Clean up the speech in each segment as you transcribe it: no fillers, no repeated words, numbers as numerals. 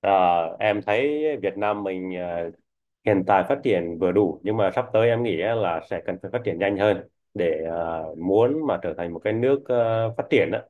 Ờ, em thấy Việt Nam mình hiện tại phát triển vừa đủ, nhưng mà sắp tới em nghĩ á là sẽ cần phải phát triển nhanh hơn để muốn mà trở thành một cái nước phát triển á,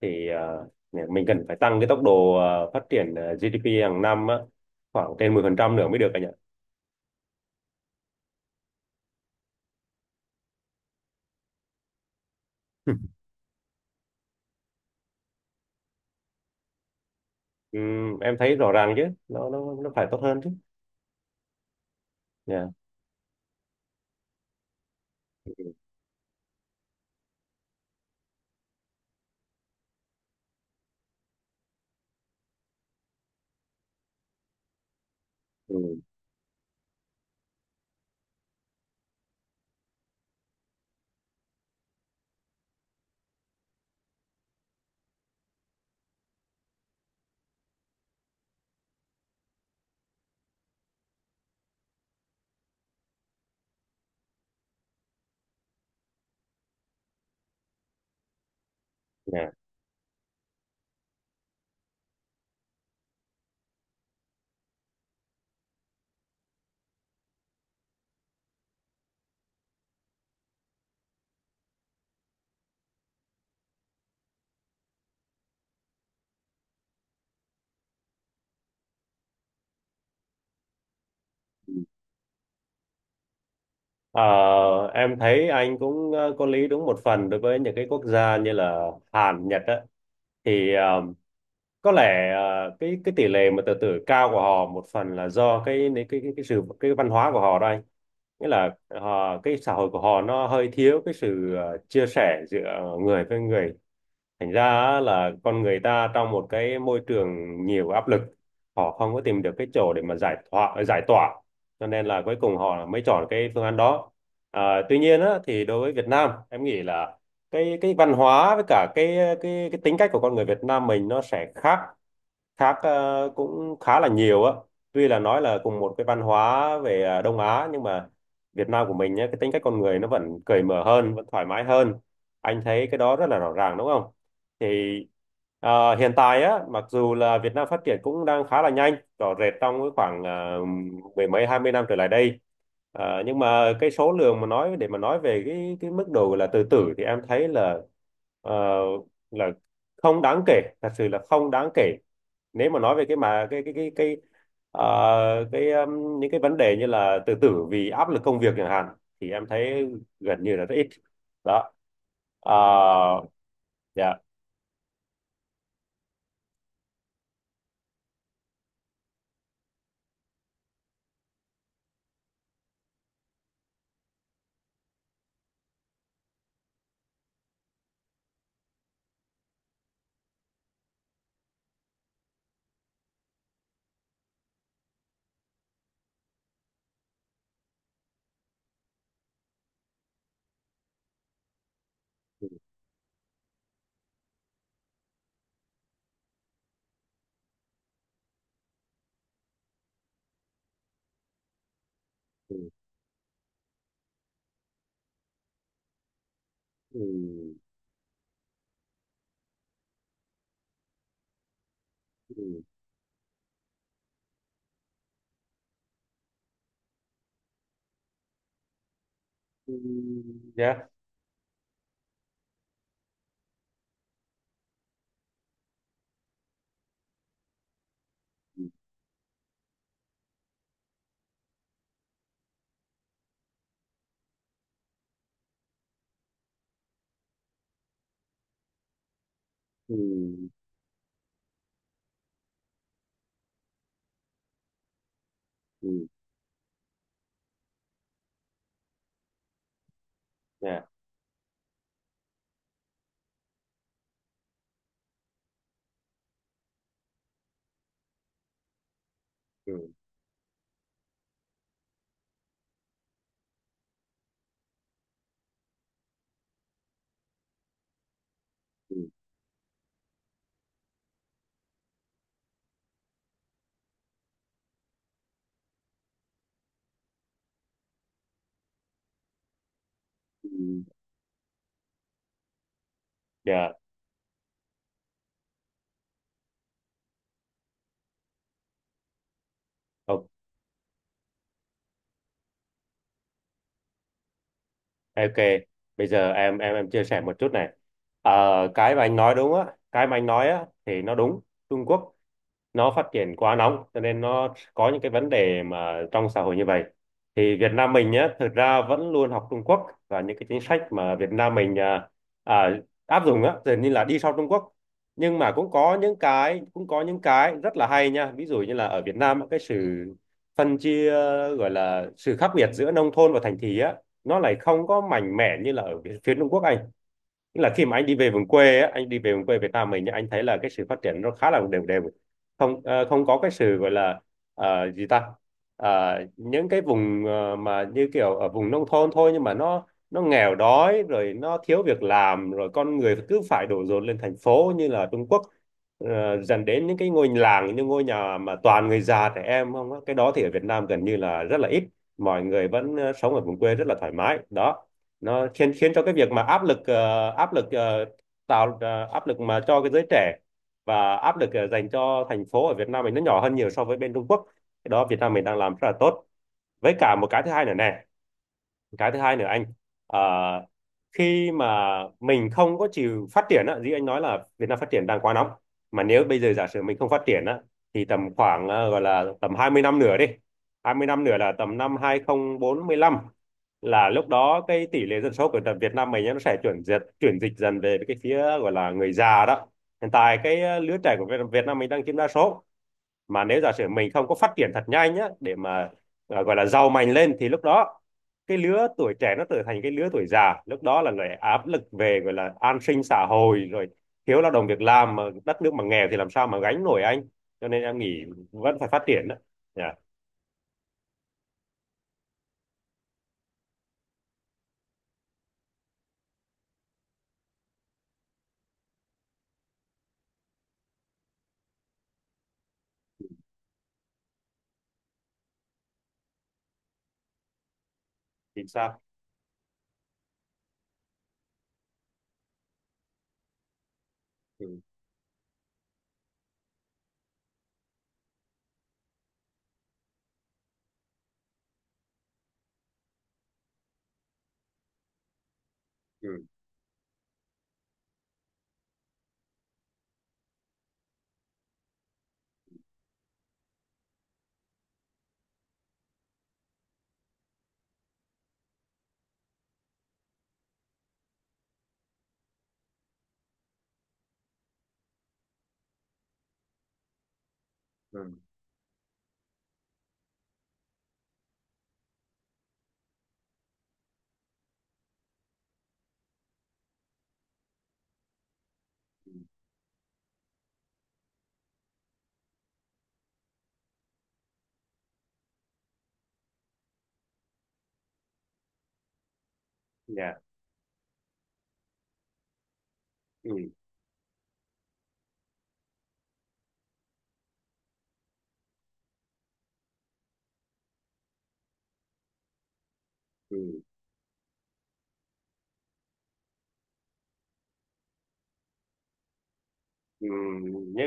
thì mình cần phải tăng cái tốc độ phát triển GDP hàng năm á, khoảng trên 10% nữa mới được anh ạ. Em thấy rõ ràng chứ, nó phải tốt hơn chứ. Dạ. Ừ. Dạ. Ờ, em thấy anh cũng có lý đúng một phần đối với những cái quốc gia như là Hàn, Nhật á, thì có lẽ cái tỷ lệ mà tự tử cao của họ một phần là do cái sự cái văn hóa của họ đây, nghĩa là họ cái xã hội của họ nó hơi thiếu cái sự chia sẻ giữa người với người, thành ra á, là con người ta trong một cái môi trường nhiều áp lực, họ không có tìm được cái chỗ để mà giải thoát giải tỏa, cho nên là cuối cùng họ mới chọn cái phương án đó. À, tuy nhiên á, thì đối với Việt Nam em nghĩ là cái văn hóa với cả cái tính cách của con người Việt Nam mình nó sẽ khác, cũng khá là nhiều á, tuy là nói là cùng một cái văn hóa về Đông Á nhưng mà Việt Nam của mình nhé, cái tính cách con người nó vẫn cởi mở hơn, vẫn thoải mái hơn, anh thấy cái đó rất là rõ ràng đúng không? Thì hiện tại á, mặc dù là Việt Nam phát triển cũng đang khá là nhanh rõ rệt trong cái khoảng mười mấy hai mươi năm trở lại đây. Nhưng mà cái số lượng mà nói, để mà nói về cái mức độ là tự tử thì em thấy là ờ, là không đáng kể, thật sự là không đáng kể. Nếu mà nói về cái những cái vấn đề như là tự tử vì áp lực công việc chẳng hạn, thì em thấy gần như là rất ít. Đó. Ờ, dạ, ừ, ừ, ừ, dạ, ừ, ừ, ừ, dạ, ừ, ừ, ừ, dạ, ok, ok, bây giờ em chia sẻ một chút này. Ờ, cái mà anh nói đúng á, cái mà anh nói á thì nó đúng. Trung Quốc nó phát triển quá nóng, cho nên nó có những cái vấn đề mà trong xã hội như vậy. Thì Việt Nam mình nhé, thực ra vẫn luôn học Trung Quốc, và những cái chính sách mà Việt Nam mình à, áp dụng á dường như là đi sau Trung Quốc, nhưng mà cũng có những cái rất là hay nha, ví dụ như là ở Việt Nam á, cái sự phân chia, gọi là sự khác biệt giữa nông thôn và thành thị á, nó lại không có mạnh mẽ như là ở phía phía Trung Quốc anh. Nghĩa là khi mà anh đi về vùng quê á, anh đi về vùng quê Việt Nam mình nhá, anh thấy là cái sự phát triển nó khá là đều đều, không có cái sự gọi là gì ta. Những cái vùng mà như kiểu ở vùng nông thôn thôi, nhưng mà nó nghèo đói rồi nó thiếu việc làm, rồi con người cứ phải đổ dồn lên thành phố như là Trung Quốc, dần đến những cái ngôi làng, những ngôi nhà mà toàn người già trẻ em không á. Cái đó thì ở Việt Nam gần như là rất là ít, mọi người vẫn sống ở vùng quê rất là thoải mái đó. Nó khiến khiến cho cái việc mà tạo áp lực mà cho cái giới trẻ, và áp lực dành cho thành phố ở Việt Nam mình nó nhỏ hơn nhiều so với bên Trung Quốc. Cái đó Việt Nam mình đang làm rất là tốt. Với cả một cái thứ hai nữa nè, cái thứ hai nữa anh, ờ, khi mà mình không có chịu phát triển á, như anh nói là Việt Nam phát triển đang quá nóng, mà nếu bây giờ giả sử mình không phát triển á, thì tầm khoảng gọi là tầm 20 năm nữa đi, 20 năm nữa là tầm năm 2045, là lúc đó cái tỷ lệ dân số của tầm Việt Nam mình á, nó sẽ chuyển dịch dần về cái phía gọi là người già đó. Hiện tại cái lứa trẻ của Việt Việt Nam mình đang chiếm đa số, mà nếu giả sử mình không có phát triển thật nhanh nhá, để mà à, gọi là giàu mạnh lên thì lúc đó cái lứa tuổi trẻ nó trở thành cái lứa tuổi già, lúc đó là lại áp lực về gọi là an sinh xã hội rồi, thiếu lao động việc làm, mà đất nước mà nghèo thì làm sao mà gánh nổi anh. Cho nên em nghĩ vẫn phải phát triển đó. Dạ, chính xác. Ừ, ừ, ừ, ừ. Dạ, ừ, ừ, ừ, ừ, nhớ,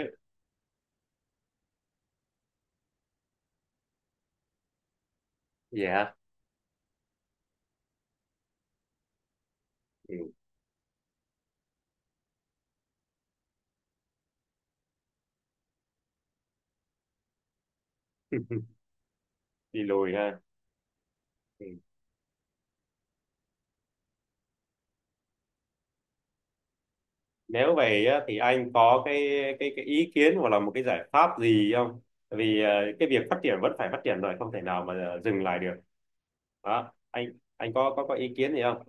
dạ, ừ. Đi lùi ha. Ừ, nếu vậy á, thì anh có cái ý kiến hoặc là một cái giải pháp gì không? Tại vì cái việc phát triển vẫn phải phát triển rồi, không thể nào mà dừng lại được. Đó, anh có có ý kiến gì không?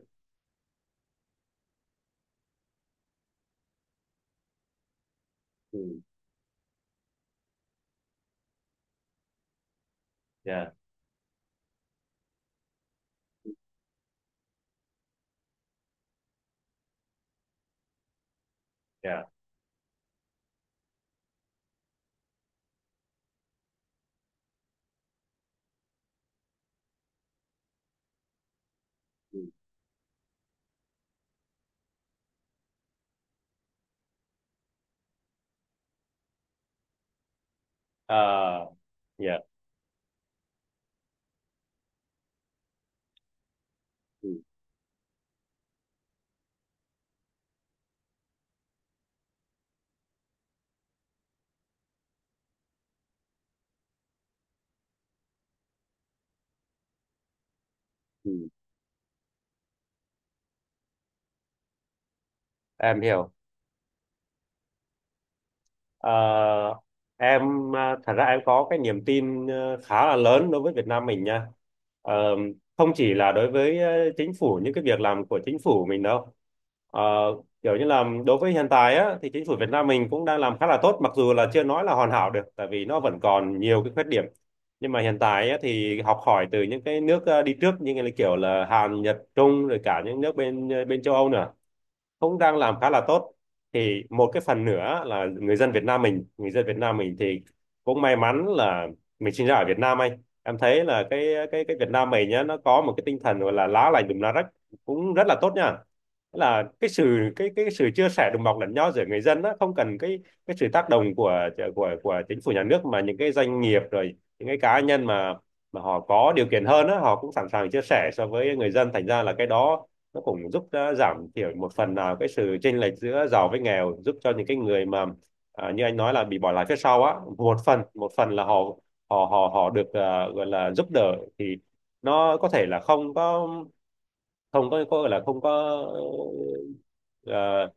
Ừ, dạ, dạ. Ừ. Ờ, dạ. Ừ, ừ. Em hiểu. Ờ, em à, thật ra em có cái niềm tin khá là lớn đối với Việt Nam mình nha. Ờ, Không chỉ là đối với chính phủ, những cái việc làm của chính phủ mình đâu. Ờ, Kiểu như là đối với hiện tại á, thì chính phủ Việt Nam mình cũng đang làm khá là tốt, mặc dù là chưa nói là hoàn hảo được, tại vì nó vẫn còn nhiều cái khuyết điểm. Nhưng mà hiện tại á, thì học hỏi từ những cái nước đi trước như là kiểu là Hàn, Nhật, Trung, rồi cả những nước bên bên châu Âu nữa, cũng đang làm khá là tốt. Thì một cái phần nữa là người dân Việt Nam mình thì cũng may mắn là mình sinh ra ở Việt Nam anh, em thấy là cái Việt Nam mình nhá, nó có một cái tinh thần gọi là lá lành đùm lá rách, cũng rất là tốt nha. Tức là cái sự chia sẻ đùm bọc lẫn nhau giữa người dân đó, không cần cái sự tác động của của chính phủ nhà nước, mà những cái doanh nghiệp rồi những cái cá nhân mà họ có điều kiện hơn á, họ cũng sẵn sàng chia sẻ so với người dân, thành ra là cái đó nó cũng giúp à, giảm thiểu một phần nào cái sự chênh lệch giữa giàu với nghèo, giúp cho những cái người mà à, như anh nói là bị bỏ lại phía sau á, một phần là họ họ họ họ được à, gọi là giúp đỡ. Thì nó có thể là không có, không có gọi là không có, ờ,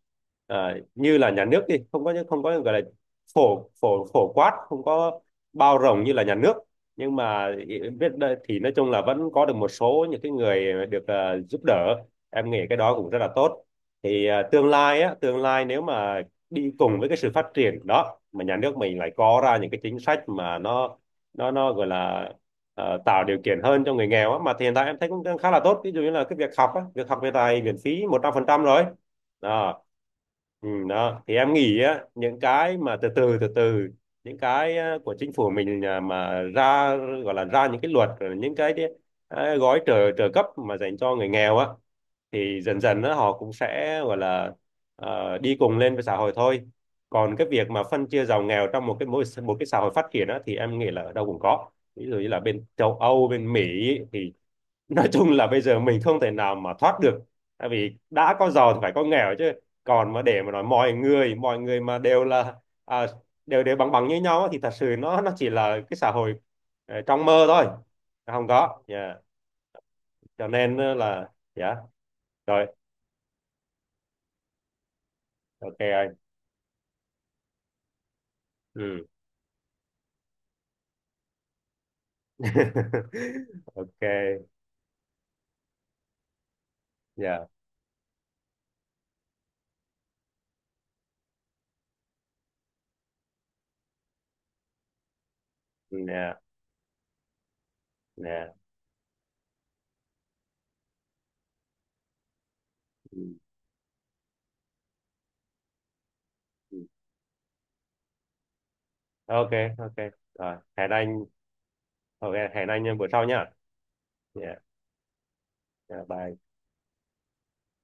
như là nhà nước đi, không có gọi là phổ phổ phổ quát, không có bao rộng như là nhà nước, nhưng mà biết đây thì nói chung là vẫn có được một số những cái người được giúp đỡ. Em nghĩ cái đó cũng rất là tốt. Thì tương lai á, tương lai nếu mà đi cùng với cái sự phát triển đó, mà nhà nước mình lại có ra những cái chính sách mà nó nó gọi là tạo điều kiện hơn cho người nghèo á, mà hiện tại em thấy cũng đang khá là tốt, ví dụ như là cái việc học á, việc học hiện tại miễn phí 100% rồi đó. Ừ, đó thì em nghĩ á, những cái mà từ từ từ từ, những cái của chính phủ mình à, mà ra, gọi là ra những cái luật rồi những cái gói trợ trợ cấp mà dành cho người nghèo á, thì dần dần á, họ cũng sẽ gọi là đi cùng lên với xã hội thôi. Còn cái việc mà phân chia giàu nghèo trong một cái, mỗi một cái xã hội phát triển á, thì em nghĩ là ở đâu cũng có, ví dụ như là bên châu Âu, bên Mỹ ấy, thì nói chung là bây giờ mình không thể nào mà thoát được, tại vì đã có giàu thì phải có nghèo chứ. Còn mà để mà nói mọi người, mọi người mà đều là à, đều đều bằng bằng như nhau á, thì thật sự nó chỉ là cái xã hội trong mơ thôi, không có. Dạ. Cho nên là dạ, rồi ok anh, ừ. Ok. Dạ, dạ, dạ. Ừ. Ừ. Ok, ok, rồi hẹn anh, ok hẹn anh bữa sau nhá. Yeah. Yeah, bye.